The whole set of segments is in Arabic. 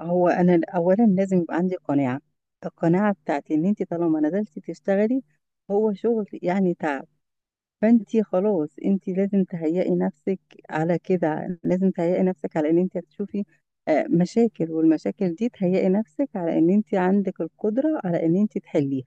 هو انا اولا لازم يبقى عندي قناعه. القناعه بتاعتي ان انت طالما نزلتي تشتغلي، هو شغل يعني تعب، فانت خلاص انت لازم تهيئي نفسك على كده، لازم تهيئي نفسك على ان انت هتشوفي مشاكل، والمشاكل دي تهيئي نفسك على ان انت عندك القدره على ان انت تحليها.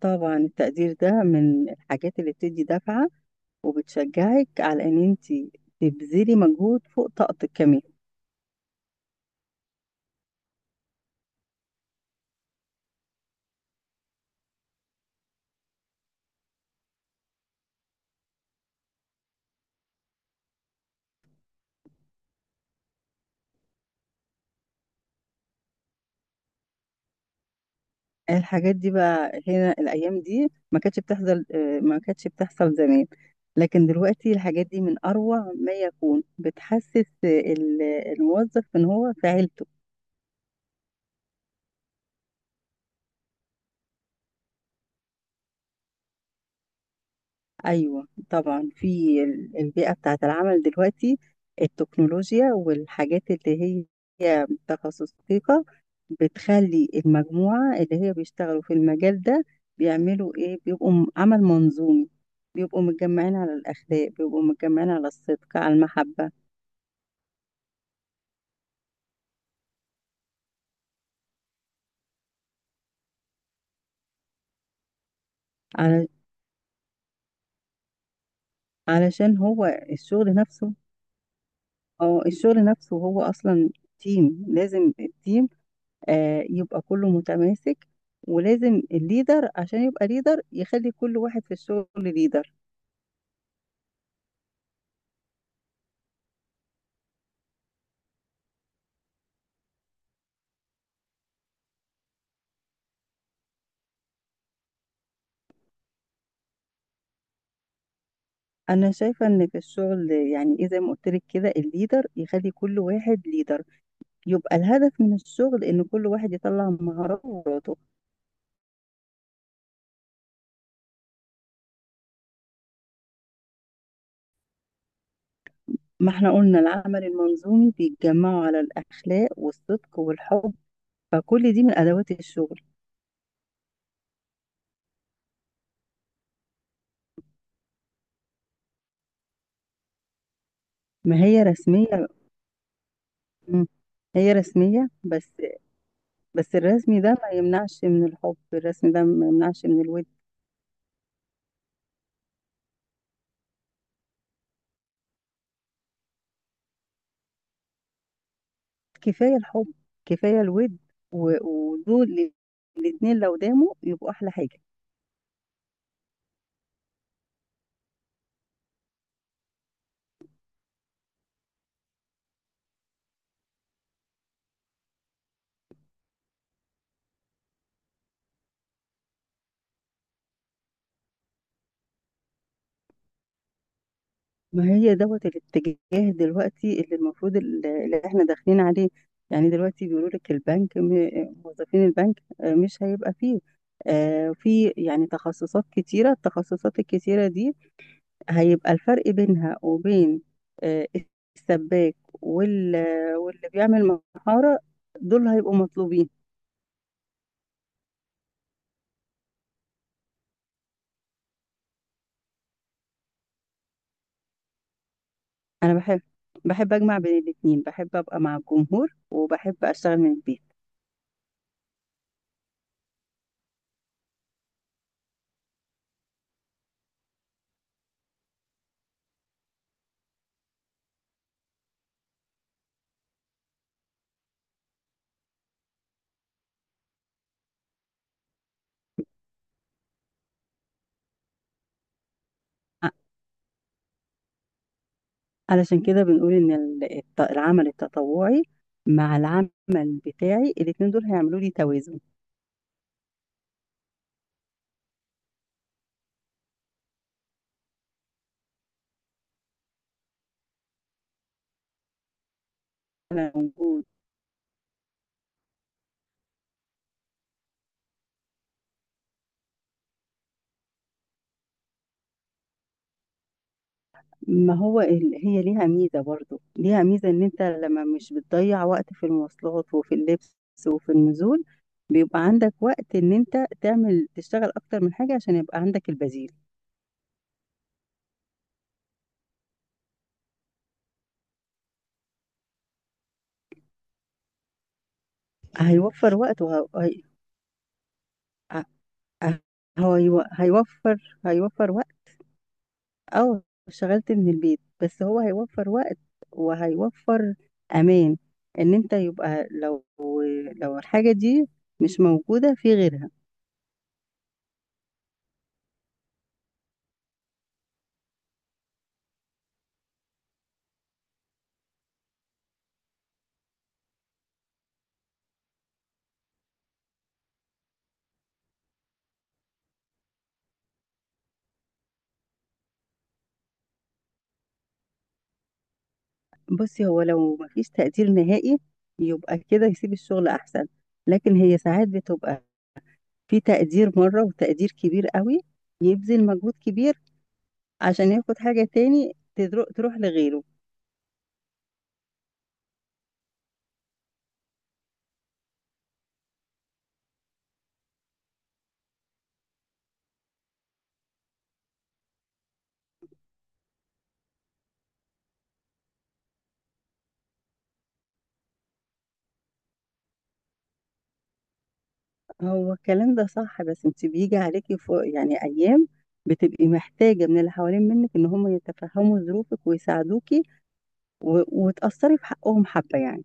طبعا التقدير ده من الحاجات اللي بتدي دفعه وبتشجعك على ان انت تبذلي مجهود فوق طاقتك كمان. الحاجات دي بقى هنا الأيام دي ما كانتش بتحصل زمان، لكن دلوقتي الحاجات دي من أروع ما يكون، بتحسس الموظف إن هو في عيلته. أيوة طبعا، في البيئة بتاعة العمل دلوقتي، التكنولوجيا والحاجات اللي هي تخصص دقيقة بتخلي المجموعة اللي هي بيشتغلوا في المجال ده بيعملوا إيه، بيبقوا عمل منظومي، بيبقوا متجمعين على الأخلاق، بيبقوا متجمعين على الصدق على المحبة. على علشان هو الشغل نفسه، اه الشغل نفسه هو أصلا تيم، لازم التيم يبقى كله متماسك، ولازم الليدر عشان يبقى ليدر يخلي كل واحد في الشغل ليدر. انا شايفة ان في الشغل يعني ايه، زي ما قلت لك كده، الليدر يخلي كل واحد ليدر، يبقى الهدف من الشغل ان كل واحد يطلع مهاراته وقدراته. ما احنا قلنا العمل المنظومي بيتجمعوا على الاخلاق والصدق والحب، فكل دي من ادوات الشغل. ما هي رسمية. مم. هي رسمية بس. بس الرسمي ده ما يمنعش من الحب، الرسمي ده ما يمنعش من الود. كفاية الحب، كفاية الود، ودول الاتنين لو داموا يبقوا أحلى حاجة. ما هي دوت الاتجاه دلوقتي اللي المفروض اللي احنا داخلين عليه، يعني دلوقتي بيقولوا لك البنك موظفين البنك مش هيبقى فيه، في يعني تخصصات كتيرة، التخصصات الكتيرة دي هيبقى الفرق بينها وبين آه، السباك واللي بيعمل محارة دول هيبقوا مطلوبين. انا بحب اجمع بين الاتنين، بحب ابقى مع الجمهور وبحب اشتغل من البيت. ع- علشان كده بنقول ان العمل التطوعي مع العمل بتاعي، الاتنين دول هيعملوا لي توازن. انا موجود. ما هو هي ليها ميزة، برضو ليها ميزة، ان انت لما مش بتضيع وقت في المواصلات وفي اللبس وفي النزول، بيبقى عندك وقت ان انت تعمل تشتغل اكتر من حاجة عشان يبقى عندك البديل. هيوفر وقت وهي هو يو- هيوفر هيوفر وقت. اه اشتغلت من البيت، بس هو هيوفر وقت، وهيوفر امان ان انت يبقى لو الحاجة دي مش موجودة في غيرها. بصي، هو لو مفيش تقدير نهائي يبقى كده يسيب الشغل احسن، لكن هي ساعات بتبقى في تقدير مرة وتقدير كبير قوي، يبذل مجهود كبير عشان ياخد حاجة تاني تروح لغيره. هو الكلام ده صح، بس انت بيجي عليكي فوق يعني ايام بتبقي محتاجة من اللي حوالين منك ان هم يتفهموا ظروفك ويساعدوكي، وتأثري في حقهم حبة يعني.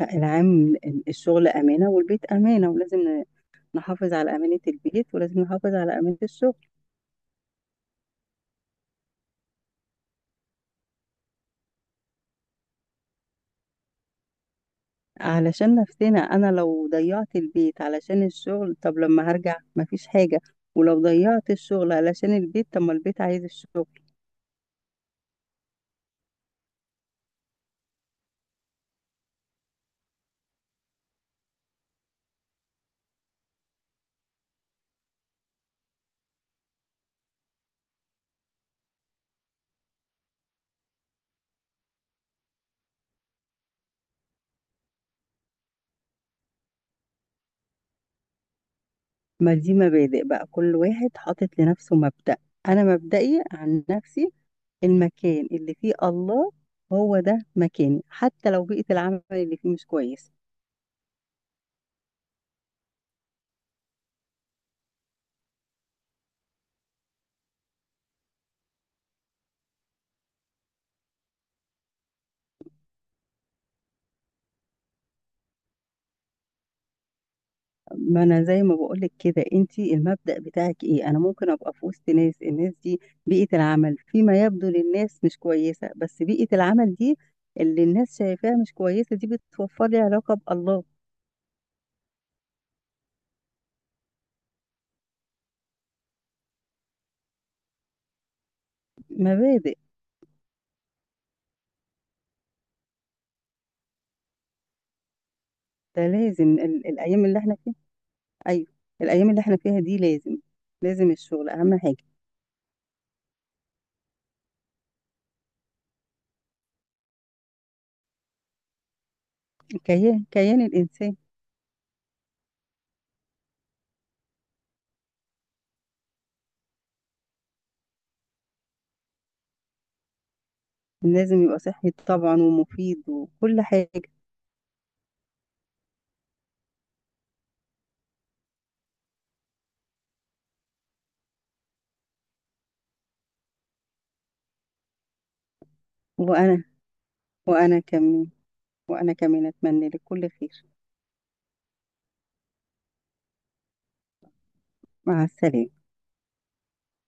لا، العام، الشغل أمانة والبيت أمانة، ولازم نحافظ على أمانة البيت، ولازم نحافظ على أمانة الشغل. علشان نفسنا، أنا لو ضيعت البيت علشان الشغل طب لما هرجع مفيش حاجة، ولو ضيعت الشغل علشان البيت طب ما البيت عايز الشغل. ما دي مبادئ بقى، كل واحد حاطط لنفسه مبدأ، أنا مبدئي عن نفسي، المكان اللي فيه الله هو ده مكاني، حتى لو بيئة العمل اللي فيه مش كويس. ما أنا زي ما بقولك كده، أنتي المبدأ بتاعك إيه، أنا ممكن أبقى في وسط ناس، الناس دي بيئة العمل فيما يبدو للناس مش كويسة، بس بيئة العمل دي اللي الناس شايفاها مش كويسة دي بتوفر لي علاقة بالله. مبادئ. ده لازم ال- الأيام اللي احنا ايوه، الايام اللي احنا فيها دي لازم، الشغل اهم حاجه. كيان الانسان. لازم يبقى صحي طبعا، ومفيد وكل حاجه. وانا وانا كمان وانا كمان اتمنى لك كل خير. مع السلامه.